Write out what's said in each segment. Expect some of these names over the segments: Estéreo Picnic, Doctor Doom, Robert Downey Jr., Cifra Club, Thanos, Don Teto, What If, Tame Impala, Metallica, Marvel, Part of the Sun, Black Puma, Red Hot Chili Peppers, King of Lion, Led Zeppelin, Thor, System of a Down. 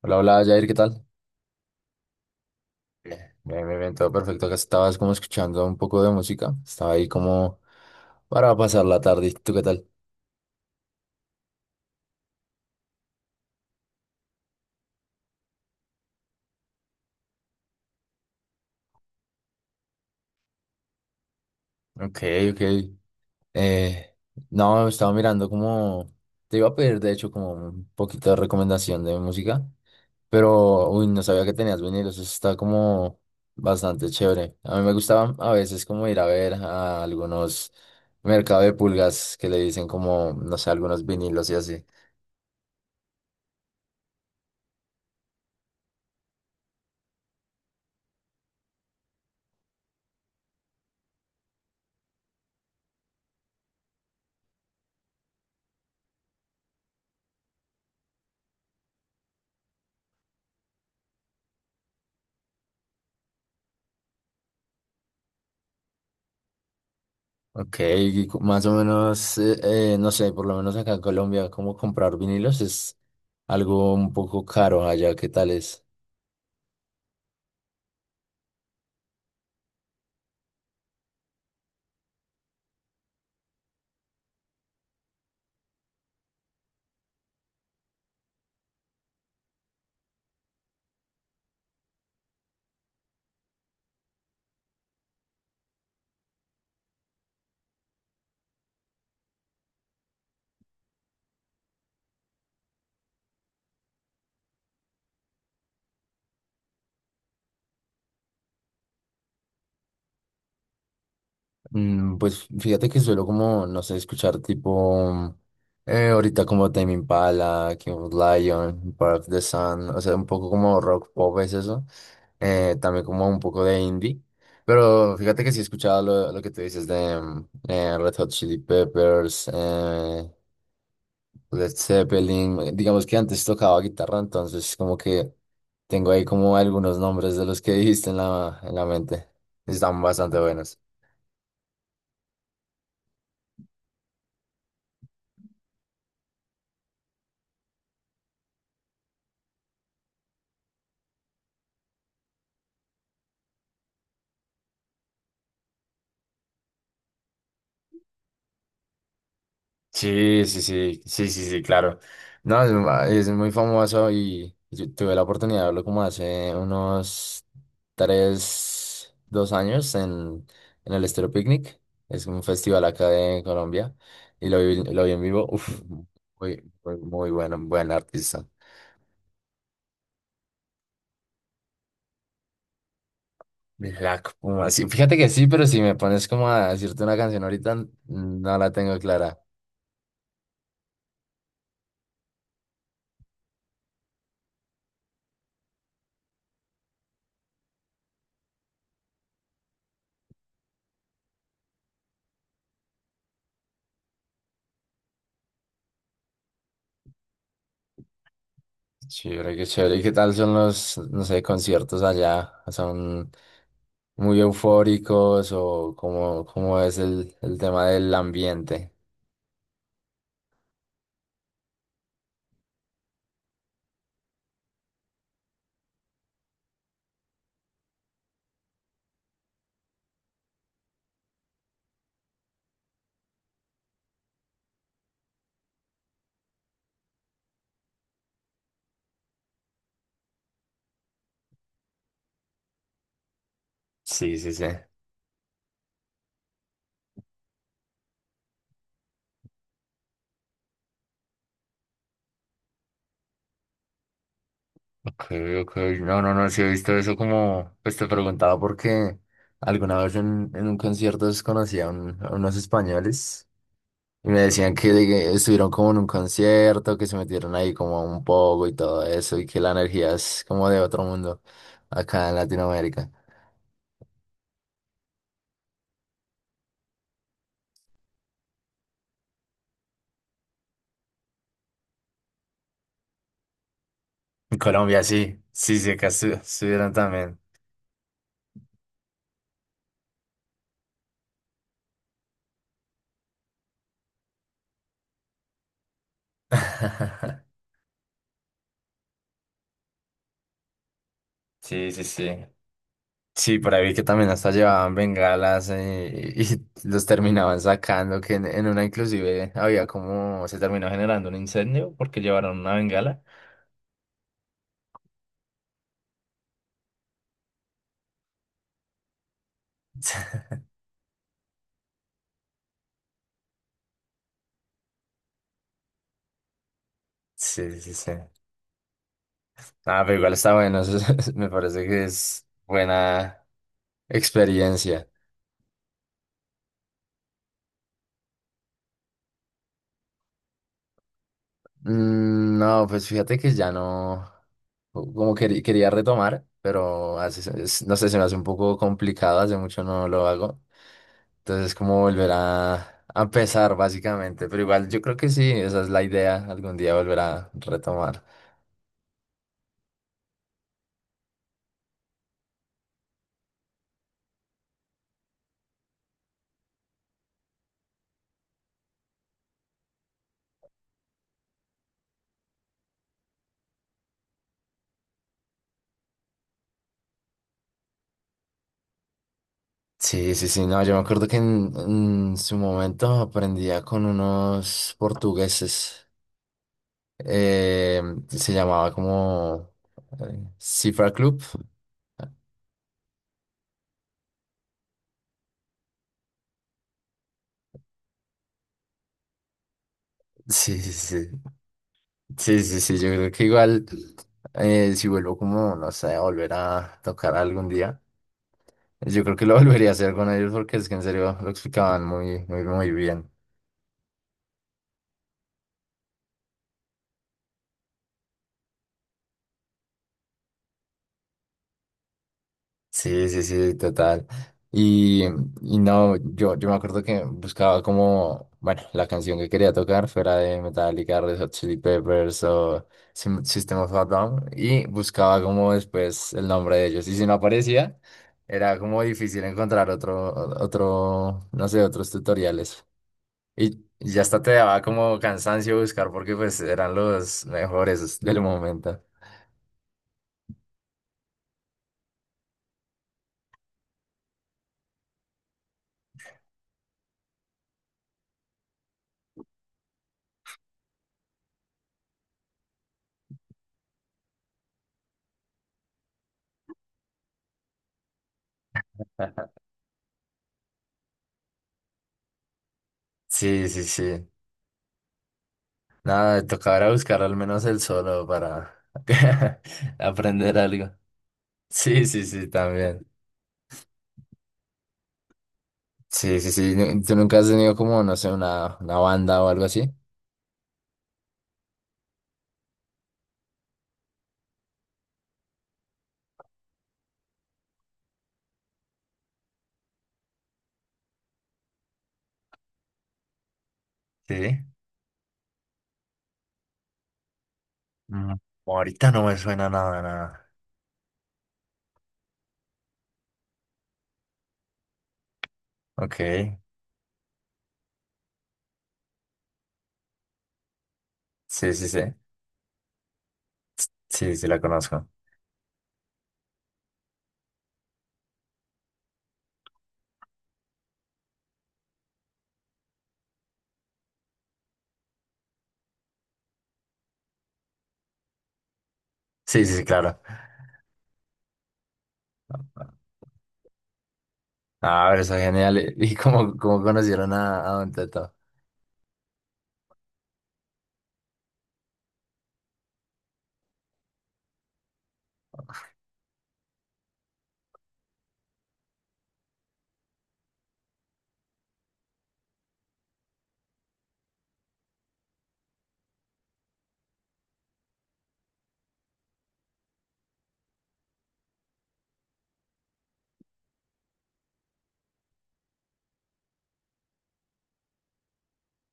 Hola, hola, Jair, ¿qué tal? Bien, bien, bien, bien, todo perfecto. Acá estabas como escuchando un poco de música. Estaba ahí como para pasar la tarde. ¿Tú qué tal? Ok, ok. Eh, no, estaba mirando como... Te iba a pedir, de hecho, como un poquito de recomendación de música. Pero, uy, no sabía que tenías vinilos. Eso está como bastante chévere. A mí me gustaba a veces como ir a ver a algunos mercados de pulgas que le dicen como, no sé, algunos vinilos y así. Ok, y más o menos, no sé, por lo menos acá en Colombia, cómo comprar vinilos es algo un poco caro allá, ¿qué tal es? Mm, pues fíjate que suelo como, no sé, escuchar tipo, ahorita como Tame Impala, King of Lion, Part of the Sun, o sea, un poco como rock pop es eso, también como un poco de indie, pero fíjate que sí he escuchado lo que tú dices de Red Hot Chili Peppers, Led Zeppelin, digamos que antes tocaba guitarra, entonces como que tengo ahí como algunos nombres de los que dijiste en en la mente. Están bastante buenos. Sí, sí, sí, sí, sí, sí, claro. No, es muy famoso y yo tuve la oportunidad de verlo como hace unos tres, dos años en el Estéreo Picnic. Es un festival acá de Colombia y lo vi en vivo. Uf, muy, muy, muy bueno, buen artista. Black Puma. Sí, fíjate que sí, pero si me pones como a decirte una canción ahorita, no la tengo clara. Chévere, qué chévere. ¿Y qué tal son los, no sé, conciertos allá? ¿Son muy eufóricos o cómo, cómo es el tema del ambiente? Sí, sí, sí. Ok, ok. No, no, no, sí he visto eso como, pues te preguntaba porque alguna vez en un concierto desconocí a, a unos españoles. Y me decían que estuvieron como en un concierto, que se metieron ahí como un poco y todo eso, y que la energía es como de otro mundo acá en Latinoamérica. En Colombia sí, sí, sí, acá estuvieron también. Sí, sí, sí. Sí, por ahí vi que también hasta llevaban bengalas y los terminaban sacando, que en una inclusive había como, se terminó generando un incendio porque llevaron una bengala. Sí, sí, sí. Ah, pero igual está bueno, me parece que es buena. Experiencia. Mm, no, pues fíjate que ya no, como quería retomar, pero hace no sé, se me hace un poco complicado, hace mucho no lo hago. Entonces es como volver a empezar básicamente, pero igual yo creo que sí, esa es la idea, algún día volver a retomar. Sí, sí, sí, no, yo me acuerdo que en su momento aprendía con unos portugueses, eh, se llamaba como Cifra Club. Sí, sí, sí. Sí, sí, sí, yo creo que igual si vuelvo como, no sé, a volver a tocar algún día, yo creo que lo volvería a hacer con ellos porque es que en serio lo explicaban muy, muy, muy bien. Sí, sí, sí, total. Y, y no, yo me acuerdo que buscaba como, bueno, la canción que quería tocar fuera de Metallica, Red Hot Chili Peppers o System of a Down y buscaba como después el nombre de ellos. Y si no aparecía, era como difícil encontrar otro, otro, no sé, otros tutoriales. Y ya hasta te daba como cansancio buscar porque pues eran los mejores del momento. Sí, sí, sí. Nada, tocará buscar al menos el solo para aprender algo. Sí, sí, sí, también. Sí, sí, sí. ¿Tú nunca has tenido como, no sé, una banda o algo así? Sí. Mm, ahorita no me suena nada, nada. Ok. Sí, sí, sí. Sí, sí, la conozco. Sí, sí, sí, claro. Ah, pero está genial. ¿Y y cómo, cómo conocieron a Don Teto?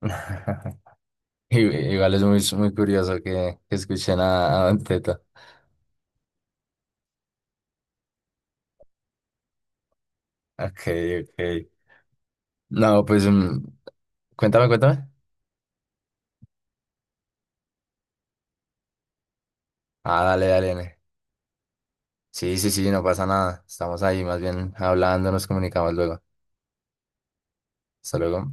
I- Igual es muy, muy curioso que escuchen a Don Teto. Ok, ok. No, pues mm, cuéntame, cuéntame. Ah, dale, dale, dale. Sí, sí, sí, no pasa nada. Estamos ahí, más bien hablando, nos comunicamos luego. Hasta luego.